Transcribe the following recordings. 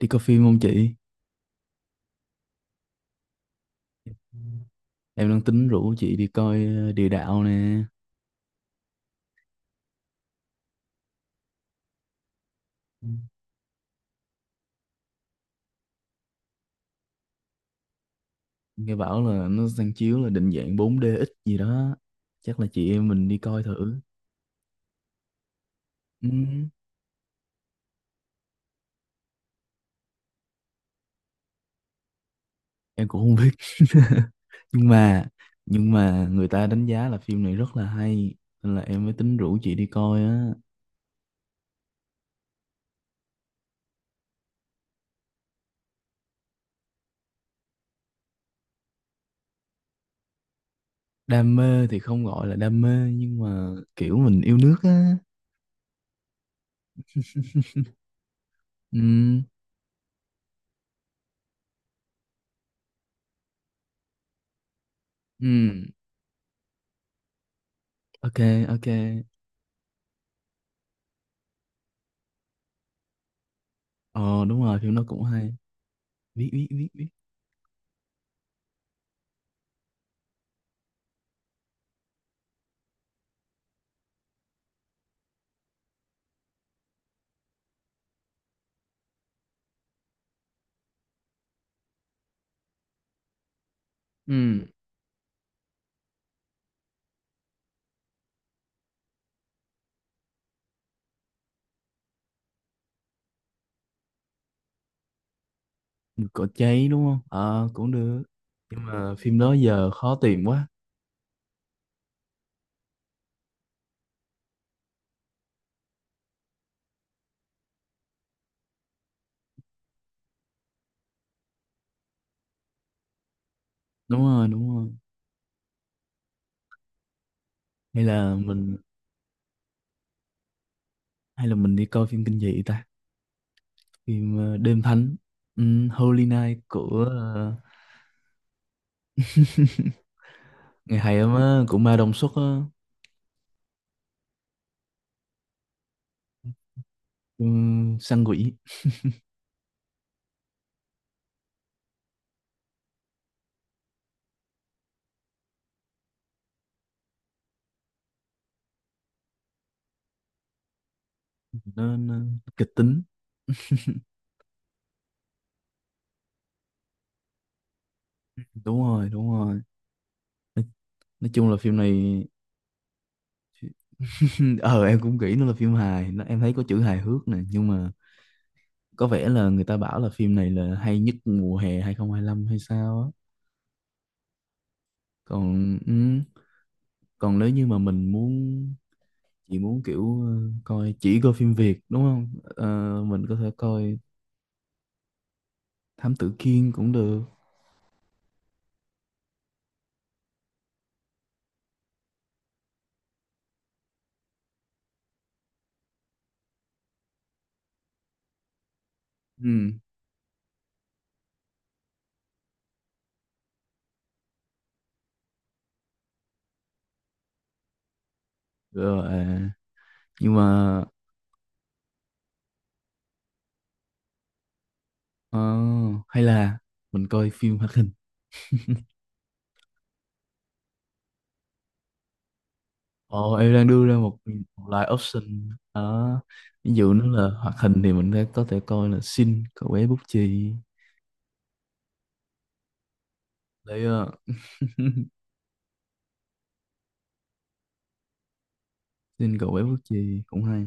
Đi coi phim không chị? Em đang tính rủ chị đi coi Địa Đạo nè. Nghe bảo là nó đang chiếu là định dạng 4DX gì đó. Chắc là chị em mình đi coi thử. Ừ, em cũng không biết. Nhưng mà nhưng mà người ta đánh giá là phim này rất là hay. Nên là em mới tính rủ chị đi coi á. Đam mê thì không gọi là đam mê nhưng mà kiểu mình yêu nước á. Ừ, ừ, ok, ok. Ờ đúng rồi, phim nó cũng hay. Biết, biết, biết, biết. Ừ. Được cỏ cháy đúng không? Ờ cũng được nhưng mà phim đó giờ khó tìm quá. Đúng rồi đúng rồi. Hay là mình hay là mình đi coi phim kinh dị ta, phim Đêm Thánh, ừ, Holy Night của ngày hay lắm á, của Ma Đông Xuất á. Ừ, săn quỷ. Nó kịch tính. Đúng rồi đúng rồi. Nói chung là phim này ờ em cũng nghĩ nó là phim hài, nó em thấy có chữ hài hước nè, nhưng mà có vẻ là người ta bảo là phim này là hay nhất mùa hè hai không hai lăm hay sao á. Còn ừ, còn nếu như mà mình muốn chỉ muốn kiểu coi, chỉ coi phim Việt đúng không? Ờ, mình có thể coi Thám Tử Kiên cũng được. Ừ. Rồi à, nhưng mà ờ, hay là mình coi phim hoạt hình. Ồ, em đang đưa ra một, một loại option đó. Ví dụ nó là hoạt hình thì mình có thể coi là Xin cậu bé bút chì. Đấy, ờ, Xin cậu bé bút chì cũng hay.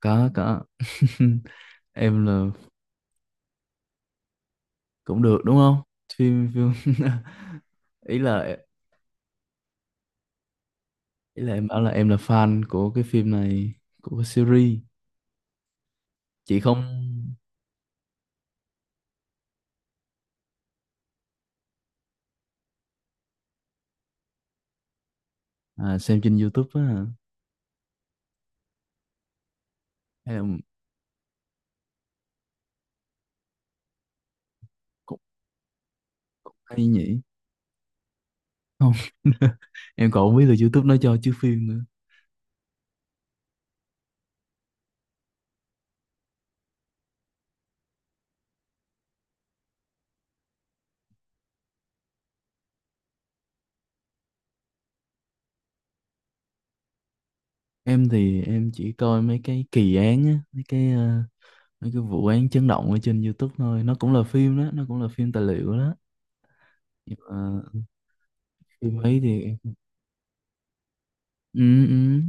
Có, có. Em là cũng được đúng không? Phim phim ý là ý là em bảo là em là fan của cái phim này, của cái series. Chị không à, xem trên YouTube á hả? Hay là cũng, cũng hay nhỉ. Không em còn không biết là YouTube nó cho chứ phim nữa. Em thì em chỉ coi mấy cái kỳ án á, mấy cái mấy cái vụ án chấn động ở trên YouTube thôi, nó cũng là phim đó, nó cũng là phim tài liệu đó. Nhưng mà phim ấy thì ừ, ừ.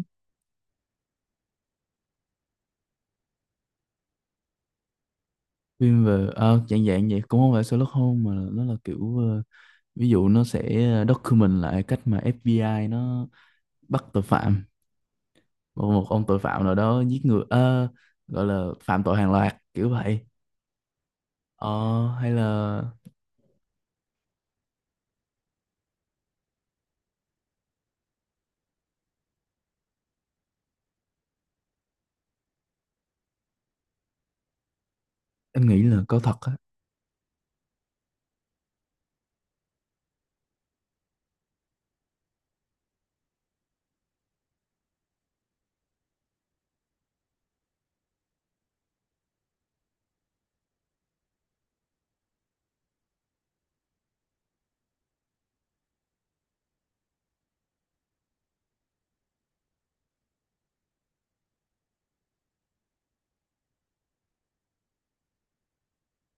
Phim về à, dạng dạng vậy, cũng không phải Sherlock Holmes mà nó là kiểu ví dụ nó sẽ document lại cách mà FBI nó bắt tội phạm, một, một ông tội phạm nào đó giết người gọi là phạm tội hàng loạt kiểu vậy. Ờ, hay là em nghĩ là có thật á.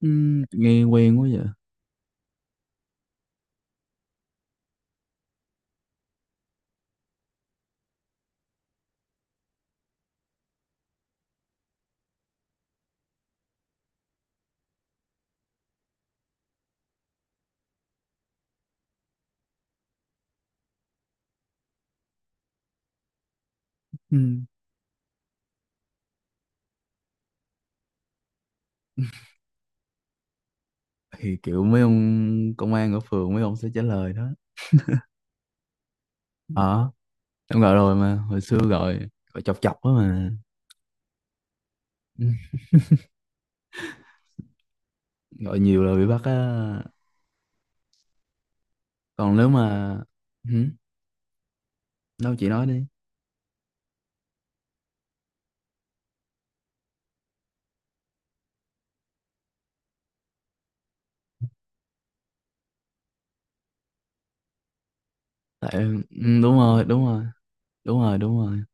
Nghe quen quá vậy. Ừm. Thì kiểu mấy ông công an ở phường mấy ông sẽ trả lời đó. Ờ em gọi rồi mà hồi xưa gọi, gọi chọc chọc á mà. Ừm, gọi nhiều là bị bắt á. Còn nếu mà Hử? Đâu chị nói đi. Tại đúng rồi đúng rồi, đúng rồi đúng rồi.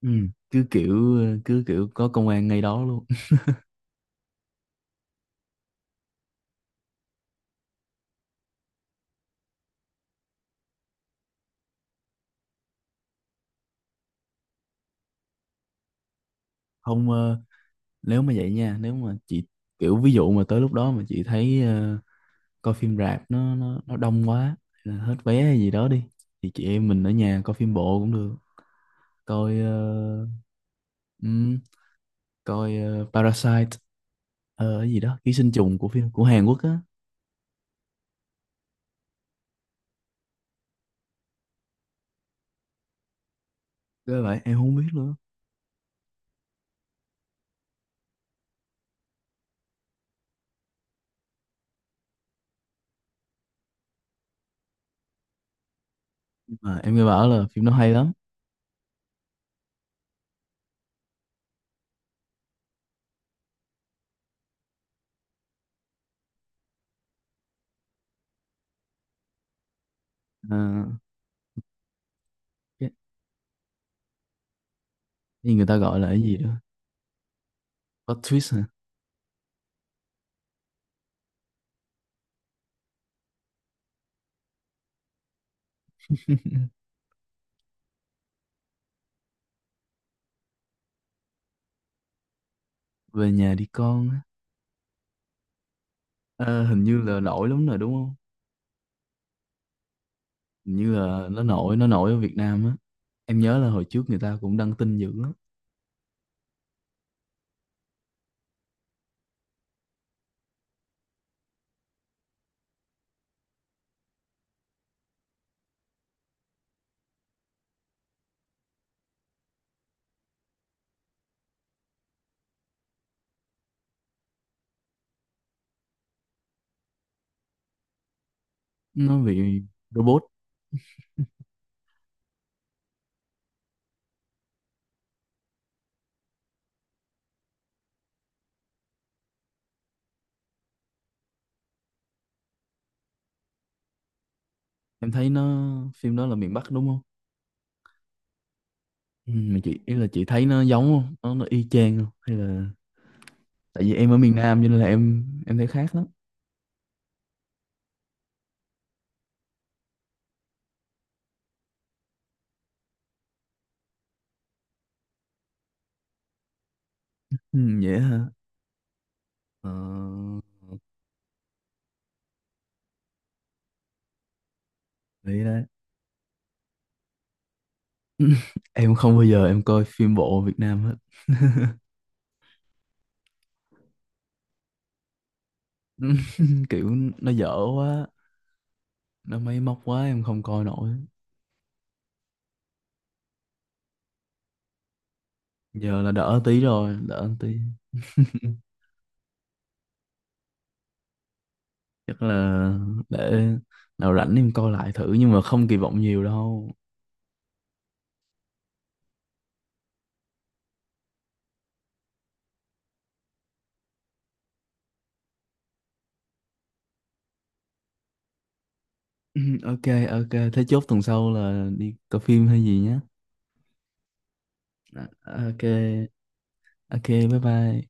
Ừ, cứ kiểu cứ kiểu có công an ngay đó luôn. Không nếu mà vậy nha, nếu mà chị kiểu ví dụ mà tới lúc đó mà chị thấy coi phim rạp nó đông quá hay là hết vé hay gì đó đi, thì chị em mình ở nhà coi phim bộ cũng được. Coi ờ, ừm, coi Parasite, ờ, cái gì đó ký sinh trùng, của phim của Hàn Quốc á. Cái vậy em không biết nữa, nhưng mà em nghe bảo là phim nó hay lắm. Ờ, cái, cái người ta gọi là cái gì đó, plot twist hả? Về nhà đi con. Ờ, hình như là nổi lắm rồi đúng không? Hình như là nó nổi ở Việt Nam á. Em nhớ là hồi trước người ta cũng đăng tin dữ lắm. Nó về robot. Em thấy nó phim đó là miền Bắc đúng không? Ừ, mà chị ý là chị thấy nó giống không? Nó y chang không? Hay là tại vì em ở miền Nam cho nên là em thấy khác lắm. Ừ, vậy hả? Ờ, đấy đấy. Em không bao giờ em coi phim bộ Việt Nam hết. Kiểu nó dở quá, nó máy móc quá em không coi nổi. Giờ là đỡ tí rồi, đỡ tí. Chắc là để nào rảnh em coi lại thử, nhưng mà không kỳ vọng nhiều đâu. Ok ok, thế chốt tuần sau là đi coi phim hay gì nhé. À, ok, ok, bye bye.